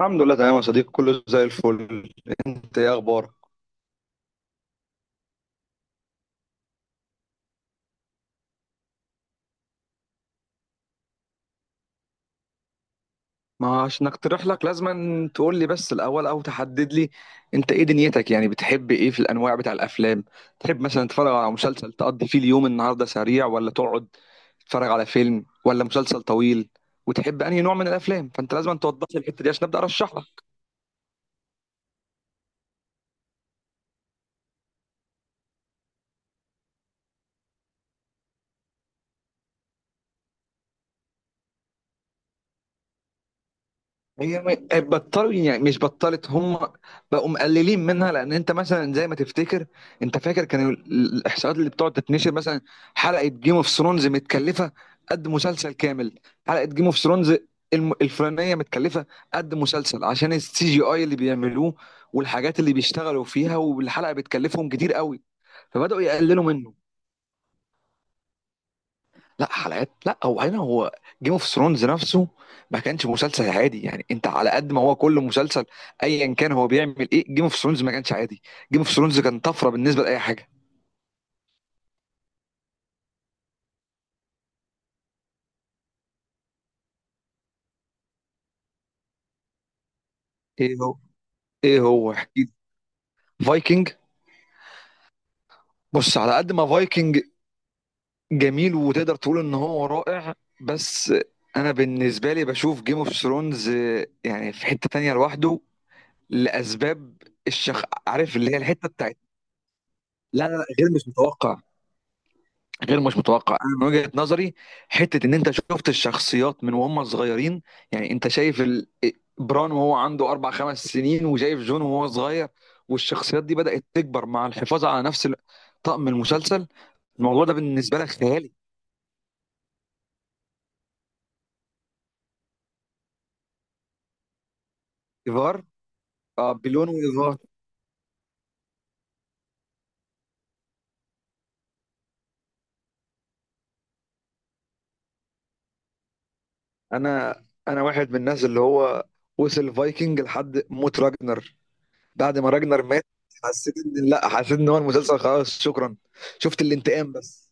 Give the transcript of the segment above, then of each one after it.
الحمد لله تمام يا صديقي، كله زي الفل. انت ايه اخبارك؟ ما عشان اقترح لك لازم تقول لي بس الاول او تحدد لي. انت ايه دنيتك؟ يعني بتحب ايه في الانواع بتاع الافلام؟ تحب مثلا تتفرج على مسلسل تقضي فيه اليوم النهارده سريع ولا تقعد تتفرج على فيلم ولا مسلسل طويل؟ وتحب انهي نوع من الافلام؟ فانت لازم توضح لي الحته دي عشان ابدا ارشح لك. هي م- آه، بطلوا يعني، مش بطلت هم، بقوا مقللين منها. لان انت مثلا زي ما تفتكر، انت فاكر الاحصاءات اللي بتقعد تتنشر مثلا، حلقه جيم اوف ثرونز متكلفه قد مسلسل كامل. حلقه جيم اوف ثرونز الفلانيه متكلفه قد مسلسل عشان السي جي اي اللي بيعملوه والحاجات اللي بيشتغلوا فيها، والحلقه بتكلفهم كتير قوي، فبداوا يقللوا منه. لا حلقات لا، هو جيم اوف ثرونز نفسه ما كانش مسلسل عادي. يعني انت على قد ما هو كل مسلسل ايا كان هو بيعمل ايه، جيم اوف ثرونز ما كانش عادي. جيم اوف ثرونز كان طفره بالنسبه لاي حاجه. ايه هو؟ ايه هو احكي؟ فايكنج؟ بص، على قد ما فايكنج جميل وتقدر تقول ان هو رائع، بس انا بالنسبه لي بشوف جيم اوف ثرونز يعني في حته تانية لوحده لاسباب. الشخ عارف اللي هي الحته بتاعت لا لا لا، غير مش متوقع. غير مش متوقع، انا من وجهة نظري، حتة ان انت شفت الشخصيات من وهم صغيرين. يعني انت شايف بران وهو عنده اربع خمس سنين، وشايف جون وهو صغير، والشخصيات دي بدأت تكبر مع الحفاظ على نفس طقم المسلسل. الموضوع ده بالنسبة لك خيالي. ايفار. اه، بليون وايفار. انا انا واحد من الناس اللي هو وصل فايكنج لحد موت راجنر. بعد ما راجنر مات، حسيت ان لا حسيت ان هو المسلسل خلاص، شكرا. شفت الانتقام بس.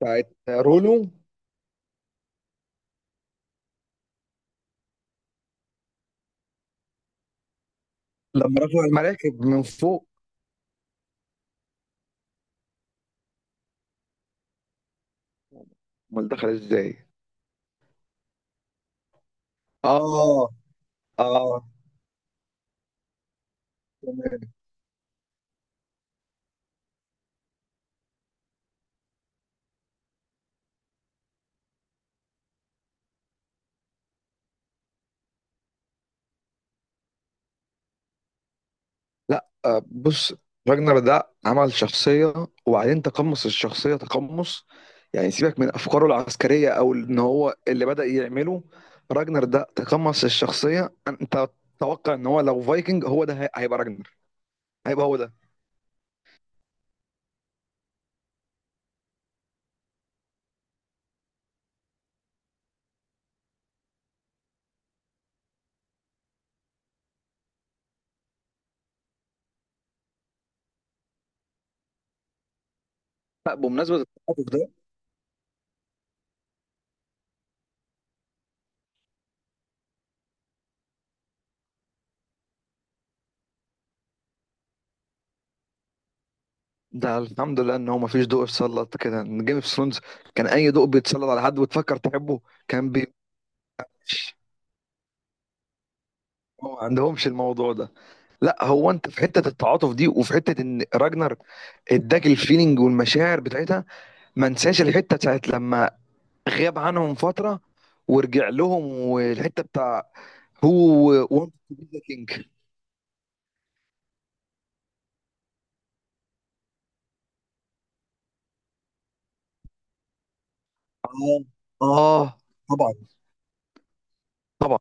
بتاعت رولو؟ لما رفعوا المراكب من فوق؟ امال دخل ازاي؟ اه، اه، تمام. لا آه، بص، راجنر ده عمل شخصية، وبعدين تقمص الشخصية تقمص. يعني سيبك من أفكاره العسكرية أو إن هو اللي بدأ يعمله. راجنر ده تقمص الشخصية. أنت تتوقع إن هو لو فايكنج، هيبقى راجنر، هيبقى هو ده. لا، بمناسبة التعاطف ده، ده الحمد لله إن هو مفيش ضوء اتسلط كده. إن جيم اوف ثرونز كان أي ضوء بيتسلط على حد وتفكر تحبه، كان بيمشي. هو ما عندهمش الموضوع ده. لا، هو انت في حته التعاطف دي، وفي حته ان راجنر اداك الفيلينج والمشاعر بتاعتها. ما انساش الحته بتاعت لما غاب عنهم فتره ورجع لهم، والحته بتاع هو وانت تو بي ذا كينج. اه، اه، طبعا، طبعا.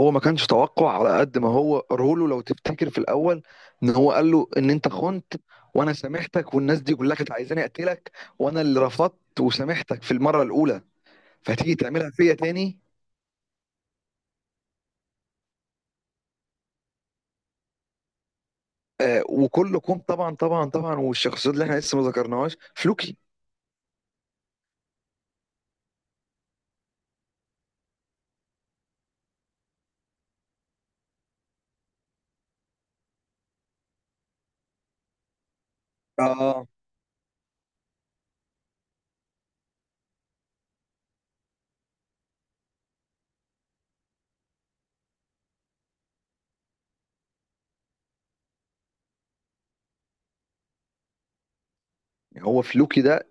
هو ما كانش توقع، على قد ما هو رولو لو تفتكر في الاول، ان هو قال له ان انت خنت وانا سامحتك، والناس دي كلها كانت عايزاني اقتلك وانا اللي رفضت وسامحتك في المره الاولى، فهتيجي تعملها فيا تاني؟ وكلكم، طبعا طبعا طبعا. والشخصيات اللي احنا لسه ما ذكرناهاش، فلوكي. اه، هو فلوكي ده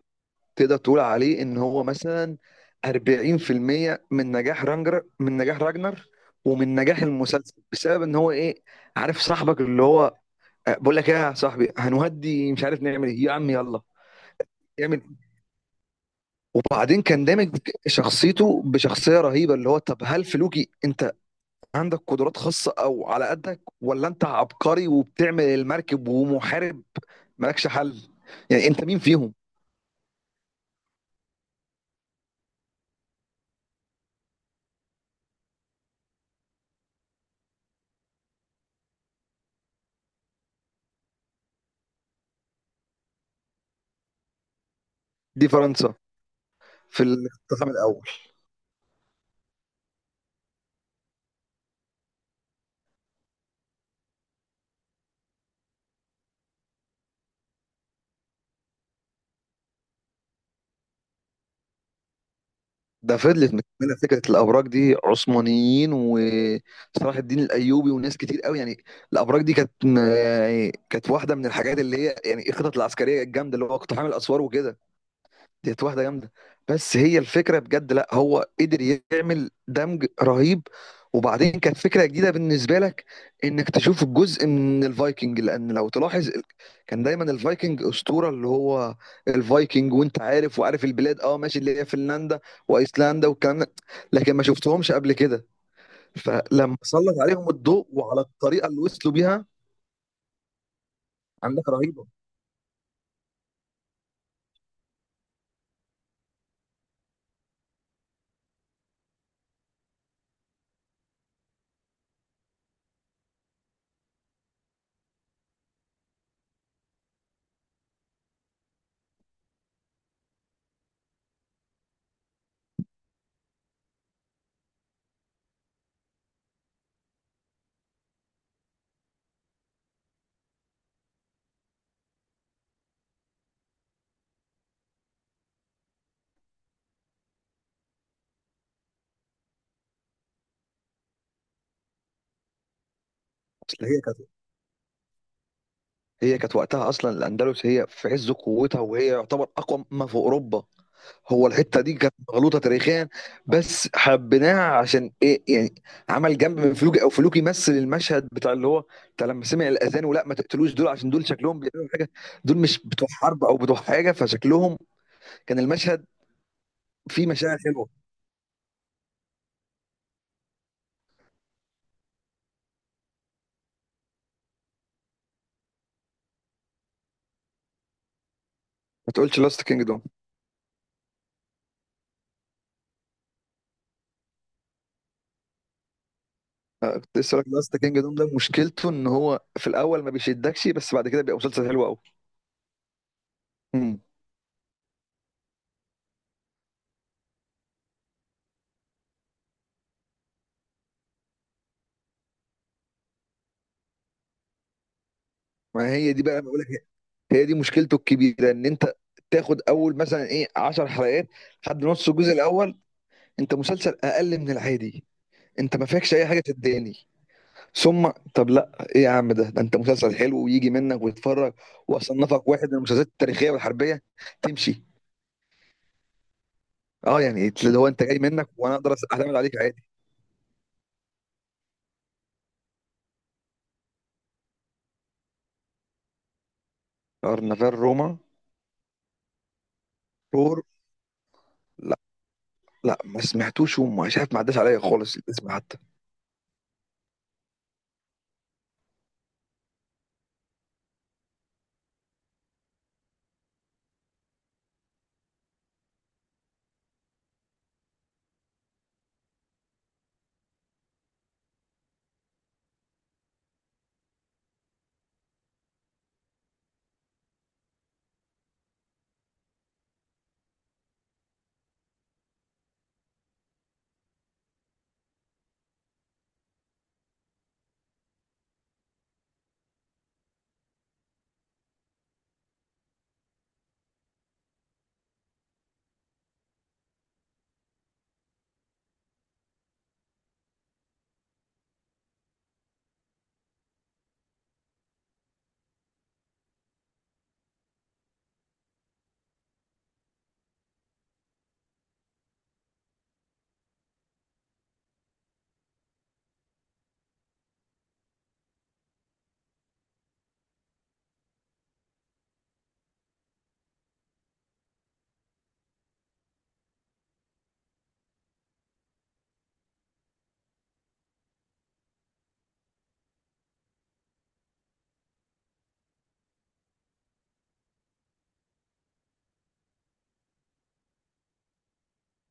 تقدر تقول عليه ان هو مثلا 40% من نجاح رانجر، من نجاح راجنر، ومن نجاح المسلسل، بسبب ان هو ايه؟ عارف صاحبك اللي هو، بقول لك ايه يا صاحبي، هنهدي مش عارف نعمل ايه يا عم، يلا اعمل. وبعدين كان دامج شخصيته بشخصيه رهيبه، اللي هو طب هل فلوكي انت عندك قدرات خاصة أو على قدك، ولا أنت عبقري وبتعمل المركب ومحارب مالكش حل؟ يعني أنت مين فيهم؟ دي فرنسا، في الاقتحام الأول. ده فضلت مكملة فكرة الأبراج دي، عثمانيين وصلاح الدين الأيوبي وناس كتير قوي، يعني الأبراج دي كانت، يعني كانت واحدة من الحاجات اللي هي يعني الخطط العسكرية الجامدة اللي هو اقتحام الأسوار وكده. ديت واحدة جامدة. بس هي الفكرة بجد لا، هو قدر يعمل دمج رهيب. وبعدين كانت فكرة جديدة بالنسبة لك انك تشوف الجزء من الفايكنج. لان لو تلاحظ كان دايما الفايكنج اسطورة اللي هو الفايكنج، وانت عارف وعارف البلاد، اه ماشي، اللي هي فنلندا وايسلندا والكلام ده، لكن ما شفتهمش قبل كده. فلما سلط عليهم الضوء وعلى الطريقة اللي وصلوا بيها، عندك رهيبة. أصل هي كانت، هي كانت وقتها اصلا الاندلس هي في عز قوتها، وهي يعتبر اقوى ما في اوروبا. هو الحته دي كانت مغلوطه تاريخيا، بس حبيناها عشان ايه يعني. عمل جنب من فلوكي، او فلوكي يمثل المشهد بتاع اللي هو بتاع لما سمع الاذان، ولا ما تقتلوش دول عشان دول شكلهم بيعملوا حاجه، دول مش بتوع حرب او بتوع حاجه فشكلهم. كان المشهد فيه مشاعر حلوه. ما تقولش لاست كينجدوم؟ كنت لسه لك. لاست كينجدوم ده مشكلته ان هو في الاول ما بيشدكش، بس بعد كده بيبقى مسلسل حلو قوي. مم. ما هي دي بقى، بقول لك هي، هي دي مشكلته الكبيره، ان انت تاخد اول مثلا ايه 10 حلقات لحد نص الجزء الاول، انت مسلسل اقل من العادي، انت ما فيكش اي حاجه تداني. ثم طب لا ايه يا عم، ده انت مسلسل حلو ويجي منك ويتفرج، واصنفك واحد من المسلسلات التاريخيه والحربيه، تمشي. اه، يعني اللي هو انت جاي منك، وانا اقدر اعتمد عليك عادي. كارنفال روما. رور. لا، لا ما سمعتوش، ومش عارف، ما عداش عليا خالص الاسم حتى.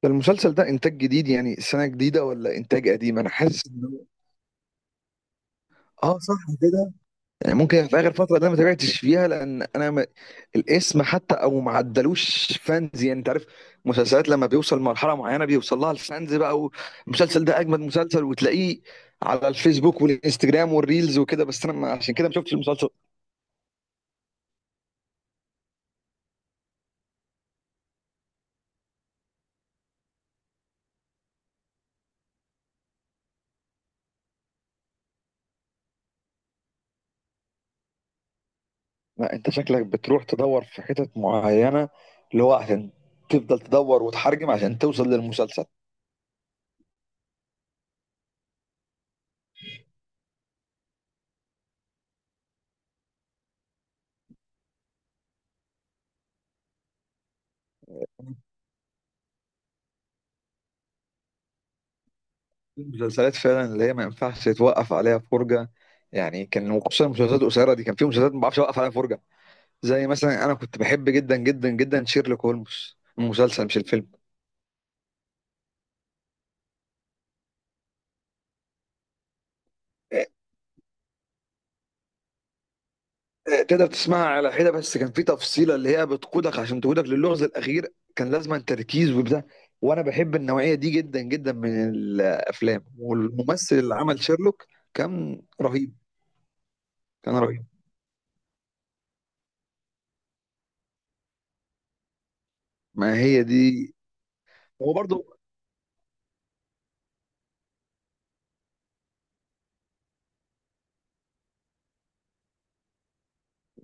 ده المسلسل ده انتاج جديد، يعني سنه جديده، ولا انتاج قديم؟ انا حاسس ان هو. اه، صح، كده. يعني ممكن في اخر فتره ده ما تابعتش فيها، لان انا ما الاسم حتى، او ما عدلوش فانز، يعني انت عارف، مسلسلات لما بيوصل مرحله معينه بيوصل لها الفانز بقى، والمسلسل ده اجمد مسلسل وتلاقيه على الفيسبوك والانستجرام والريلز وكده، بس انا ما عشان كده ما شفتش المسلسل. لا انت شكلك بتروح تدور في حتت معينه، اللي هو عشان تفضل تدور وتحرجم عشان توصل للمسلسل. المسلسلات فعلا اللي هي ما ينفعش تتوقف عليها فرجه، يعني كان، وخصوصا المسلسلات القصيره دي، كان في مسلسلات ما بعرفش اوقف عليها فرجه. زي مثلا انا كنت بحب جدا جدا جدا شيرلوك هولمز، المسلسل مش الفيلم. إيه. إيه، تقدر تسمعها على حده، بس كان في تفصيله اللي هي بتقودك، عشان تقودك للغز الاخير كان لازم تركيز وبتاع، وانا بحب النوعيه دي جدا جدا من الافلام. والممثل اللي عمل شيرلوك كان رهيب. كان رهيب. ما هي دي. هو برضو.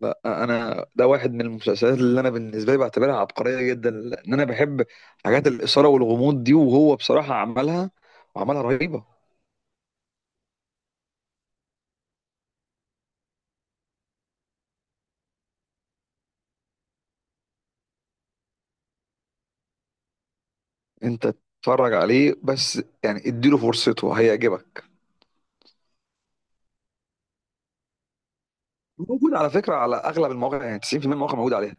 لا انا ده واحد من المسلسلات اللي انا بالنسبه لي بعتبرها عبقريه جدا، لان انا بحب حاجات الاثاره والغموض دي، وهو بصراحه عملها وعملها رهيبه. انت اتفرج عليه بس، يعني اديله فرصته هيعجبك. موجود على فكره على اغلب المواقع، يعني 90% من المواقع موجود عليها.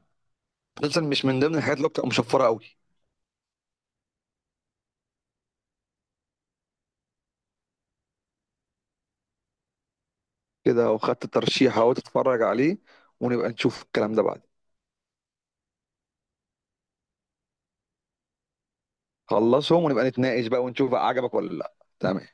مسلسل مش من ضمن الحاجات اللي بتبقى مشفره قوي. كده وخدت ترشيح اهو، تتفرج عليه ونبقى نشوف الكلام ده بعد. خلصهم ونبقى نتناقش بقى، ونشوف بقى عجبك ولا لا. تمام.